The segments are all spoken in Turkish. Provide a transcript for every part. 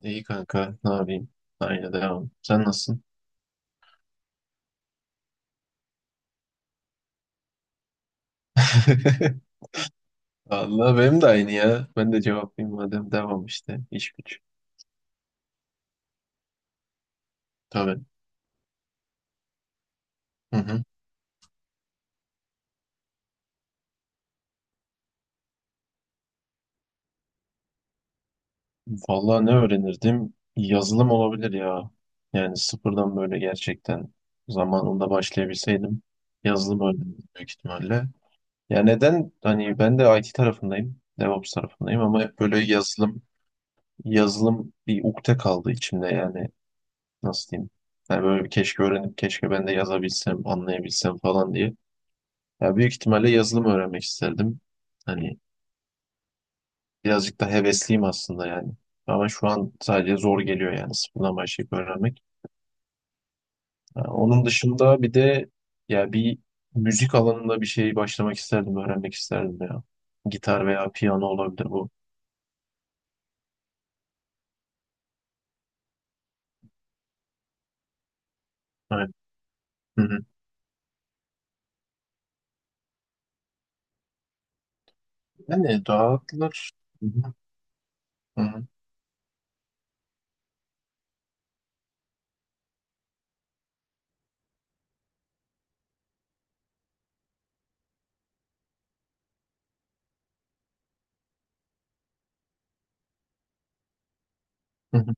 İyi kanka, ne yapayım? Aynı devam. Sen nasılsın? Allah benim de aynı ya. Ben de cevaplayayım madem devam işte. İş güç. Tabii. Hı hı. Vallahi ne öğrenirdim? Yazılım olabilir ya. Yani sıfırdan böyle gerçekten zamanında başlayabilseydim yazılım öğrenirdim büyük ihtimalle. Ya neden? Hani ben de IT tarafındayım. DevOps tarafındayım ama hep böyle yazılım yazılım bir ukde kaldı içimde yani. Nasıl diyeyim, yani böyle keşke öğrenip keşke ben de yazabilsem anlayabilsem falan diye. Ya büyük ihtimalle yazılım öğrenmek isterdim. Hani birazcık da hevesliyim aslında yani. Ama şu an sadece zor geliyor yani sıfırdan başlayıp öğrenmek. Ha, onun dışında bir de ya bir müzik alanında bir şey başlamak isterdim, öğrenmek isterdim ya. Gitar veya piyano olabilir bu. Evet. Hı hı. Yani dağıtılır. Hı hı. Hı hı. Hı hı.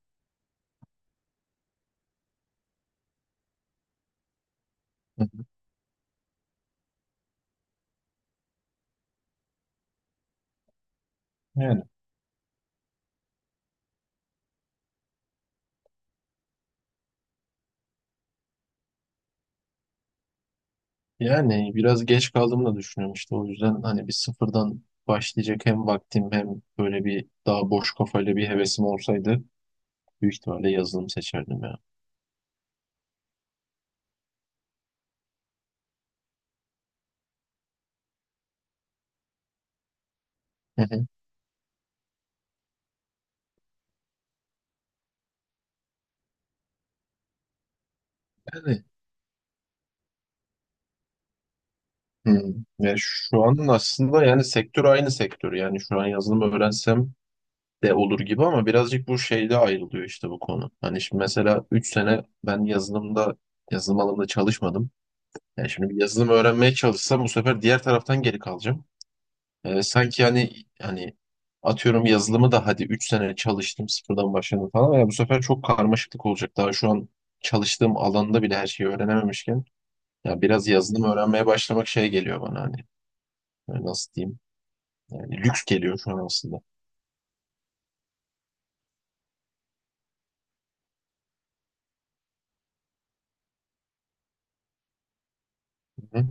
Hı hı. Yani biraz geç kaldığımı da düşünüyorum işte o yüzden hani bir sıfırdan başlayacak hem vaktim hem böyle bir daha boş kafayla bir hevesim olsaydı büyük ihtimalle yazılım seçerdim ya. Hı hı. Yani, hı. Ya şu an aslında yani sektör aynı sektör yani şu an yazılım öğrensem de olur gibi ama birazcık bu şeyde ayrılıyor işte bu konu. Hani şimdi mesela 3 sene ben yazılım alanında çalışmadım. Yani şimdi bir yazılım öğrenmeye çalışsam bu sefer diğer taraftan geri kalacağım. Sanki hani hani atıyorum yazılımı da hadi 3 sene çalıştım sıfırdan başladım falan ya bu sefer çok karmaşıklık olacak. Daha şu an çalıştığım alanda bile her şeyi öğrenememişken ya biraz yazılım öğrenmeye başlamak şey geliyor bana hani, böyle nasıl diyeyim yani lüks geliyor şu an aslında. Hı.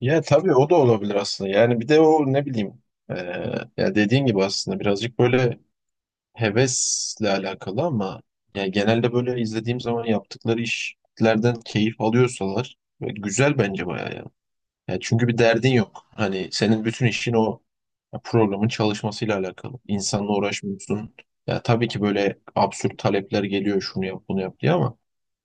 Ya tabii o da olabilir aslında. Yani bir de o ne bileyim, ee, ya dediğin gibi aslında birazcık böyle hevesle alakalı ama yani genelde böyle izlediğim zaman yaptıkları işlerden keyif alıyorsalar böyle güzel bence bayağı ya. Ya çünkü bir derdin yok. Hani senin bütün işin o programın çalışmasıyla alakalı. İnsanla uğraşmıyorsun. Ya tabii ki böyle absürt talepler geliyor şunu yap bunu yap diye ama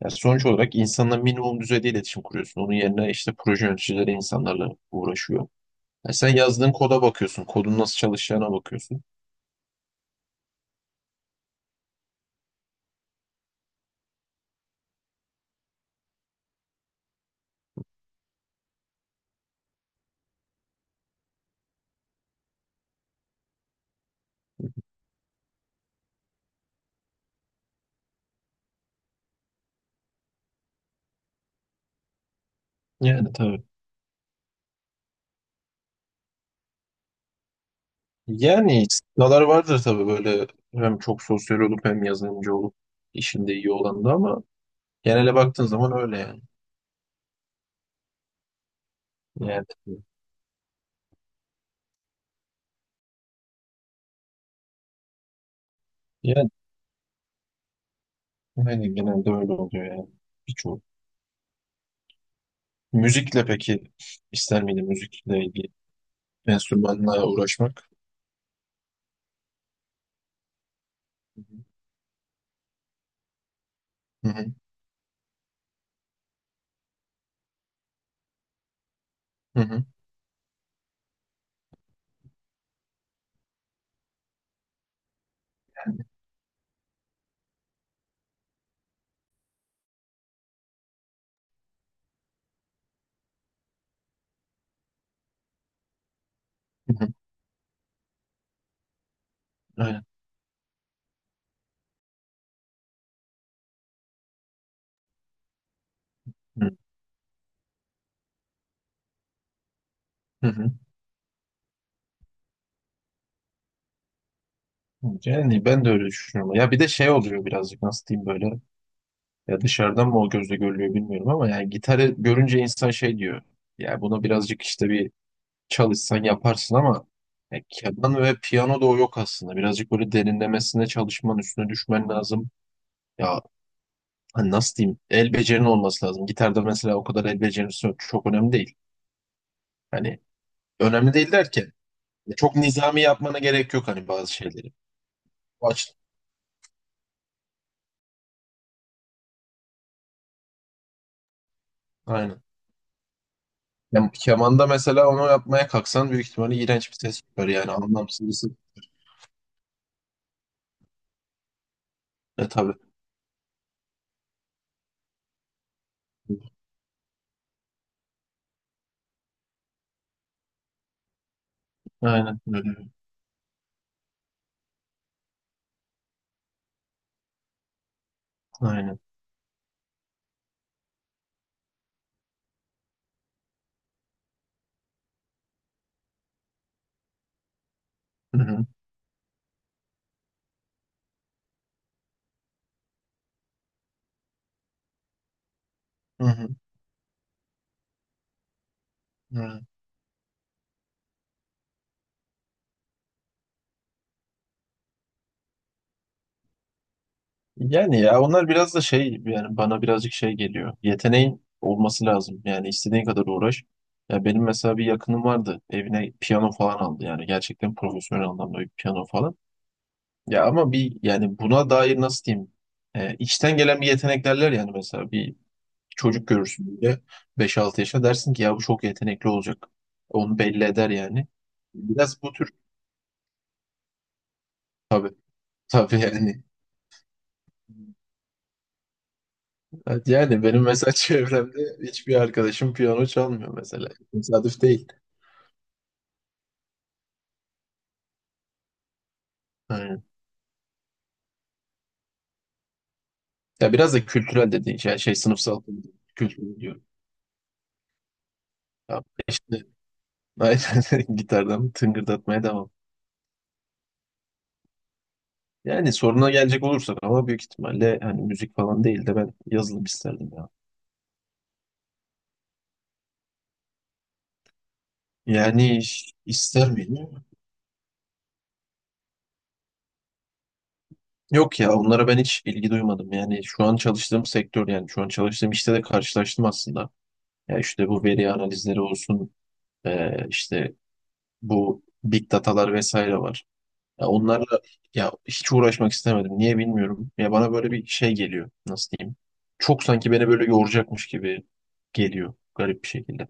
ya sonuç olarak insanla minimum düzeyde iletişim kuruyorsun. Onun yerine işte proje yöneticileri insanlarla uğraşıyor. Ya sen yazdığın koda bakıyorsun. Kodun nasıl çalışacağına bakıyorsun. Yani tabii. Yani istisnalar vardır tabii böyle hem çok sosyal olup hem yazılımcı olup işinde iyi olan da ama genele baktığın zaman öyle yani. Yani, genelde öyle oluyor yani. Birçok. Müzikle peki ister miydin müzikle ilgili enstrümanla uğraşmak? Hı hı. Hı hı. Hı hı. Aynen. Hı hı. Hı. Yani ben de öyle düşünüyorum. Ya bir de şey oluyor birazcık nasıl diyeyim böyle. Ya dışarıdan mı o gözle görülüyor bilmiyorum ama yani gitarı görünce insan şey diyor. Ya bunu birazcık işte bir çalışsan yaparsın ama ya keman ve piyano da o yok aslında. Birazcık böyle derinlemesine çalışman üstüne düşmen lazım. Ya hani nasıl diyeyim, el becerinin olması lazım. Gitarda mesela o kadar el becerisi yok. Çok önemli değil. Hani önemli değil derken çok nizami yapmana gerek yok hani bazı şeyleri. O açı- Aynen. Ya, kemanda mesela onu yapmaya kalksan büyük ihtimalle iğrenç bir ses çıkar yani anlamsız bir ses. E tabii. Aynen öyle. Aynen. Hı. Hı hı. Hı hı. Yani ya onlar biraz da şey yani bana birazcık şey geliyor. Yeteneğin olması lazım. Yani istediğin kadar uğraş. Ya benim mesela bir yakınım vardı. Evine piyano falan aldı. Yani gerçekten profesyonel anlamda bir piyano falan. Ya ama bir yani buna dair nasıl diyeyim? E, içten gelen bir yetenek derler yani mesela bir çocuk görürsün böyle beş altı yaşında dersin ki ya bu çok yetenekli olacak. Onu belli eder yani. Biraz bu tür tabii. Tabii yani. Evet, yani benim mesela çevremde hiçbir arkadaşım piyano çalmıyor mesela. Tesadüf değil. Aynen. Ya biraz da kültürel dediğin şey, yani şey sınıfsal kültür diyor. Ya işte aynen gitardan tıngırdatmaya devam. Yani soruna gelecek olursak ama büyük ihtimalle hani müzik falan değil de ben yazılım isterdim ya. Yani ister miyim? Yok ya onlara ben hiç ilgi duymadım. Yani şu an çalıştığım sektör yani şu an çalıştığım işte de karşılaştım aslında. Ya işte bu veri analizleri olsun, işte bu big datalar vesaire var. Ya onlarla ya hiç uğraşmak istemedim. Niye bilmiyorum. Ya bana böyle bir şey geliyor. Nasıl diyeyim? Çok sanki beni böyle yoracakmış gibi geliyor garip bir şekilde.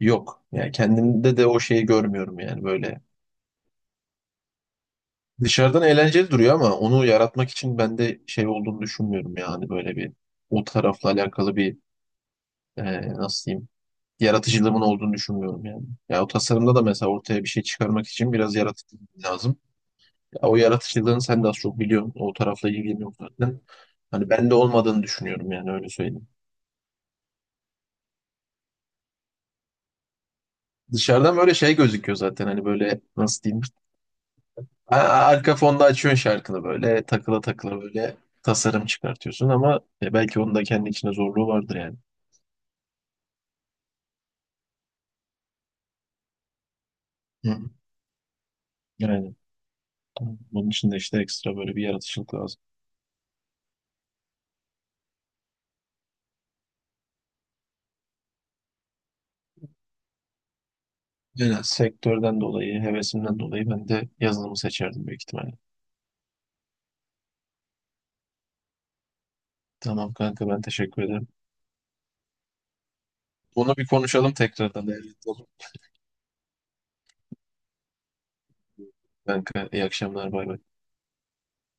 Yok. Yani kendimde de o şeyi görmüyorum yani böyle. Dışarıdan eğlenceli duruyor ama onu yaratmak için bende şey olduğunu düşünmüyorum yani böyle bir o tarafla alakalı bir, e, nasıl diyeyim, yaratıcılığımın olduğunu düşünmüyorum yani. Ya o tasarımda da mesela ortaya bir şey çıkarmak için biraz yaratıcı lazım. Ya o yaratıcılığını sen de az çok biliyorsun. O tarafla ilgileniyorum zaten. Hani ben de olmadığını düşünüyorum yani öyle söyleyeyim. Dışarıdan böyle şey gözüküyor zaten hani böyle nasıl diyeyim. Arka fonda açıyorsun şarkını böyle takıla takıla böyle tasarım çıkartıyorsun ama, belki onun da kendi içinde zorluğu vardır yani. Hı. Yani tamam. Bunun için de işte ekstra böyle bir yaratıcılık lazım. Yani sektörden dolayı, hevesimden dolayı ben de yazılımı seçerdim büyük ihtimalle. Tamam kanka ben teşekkür ederim. Bunu bir konuşalım tekrardan. Değerli olur. Kanka iyi akşamlar bay bay.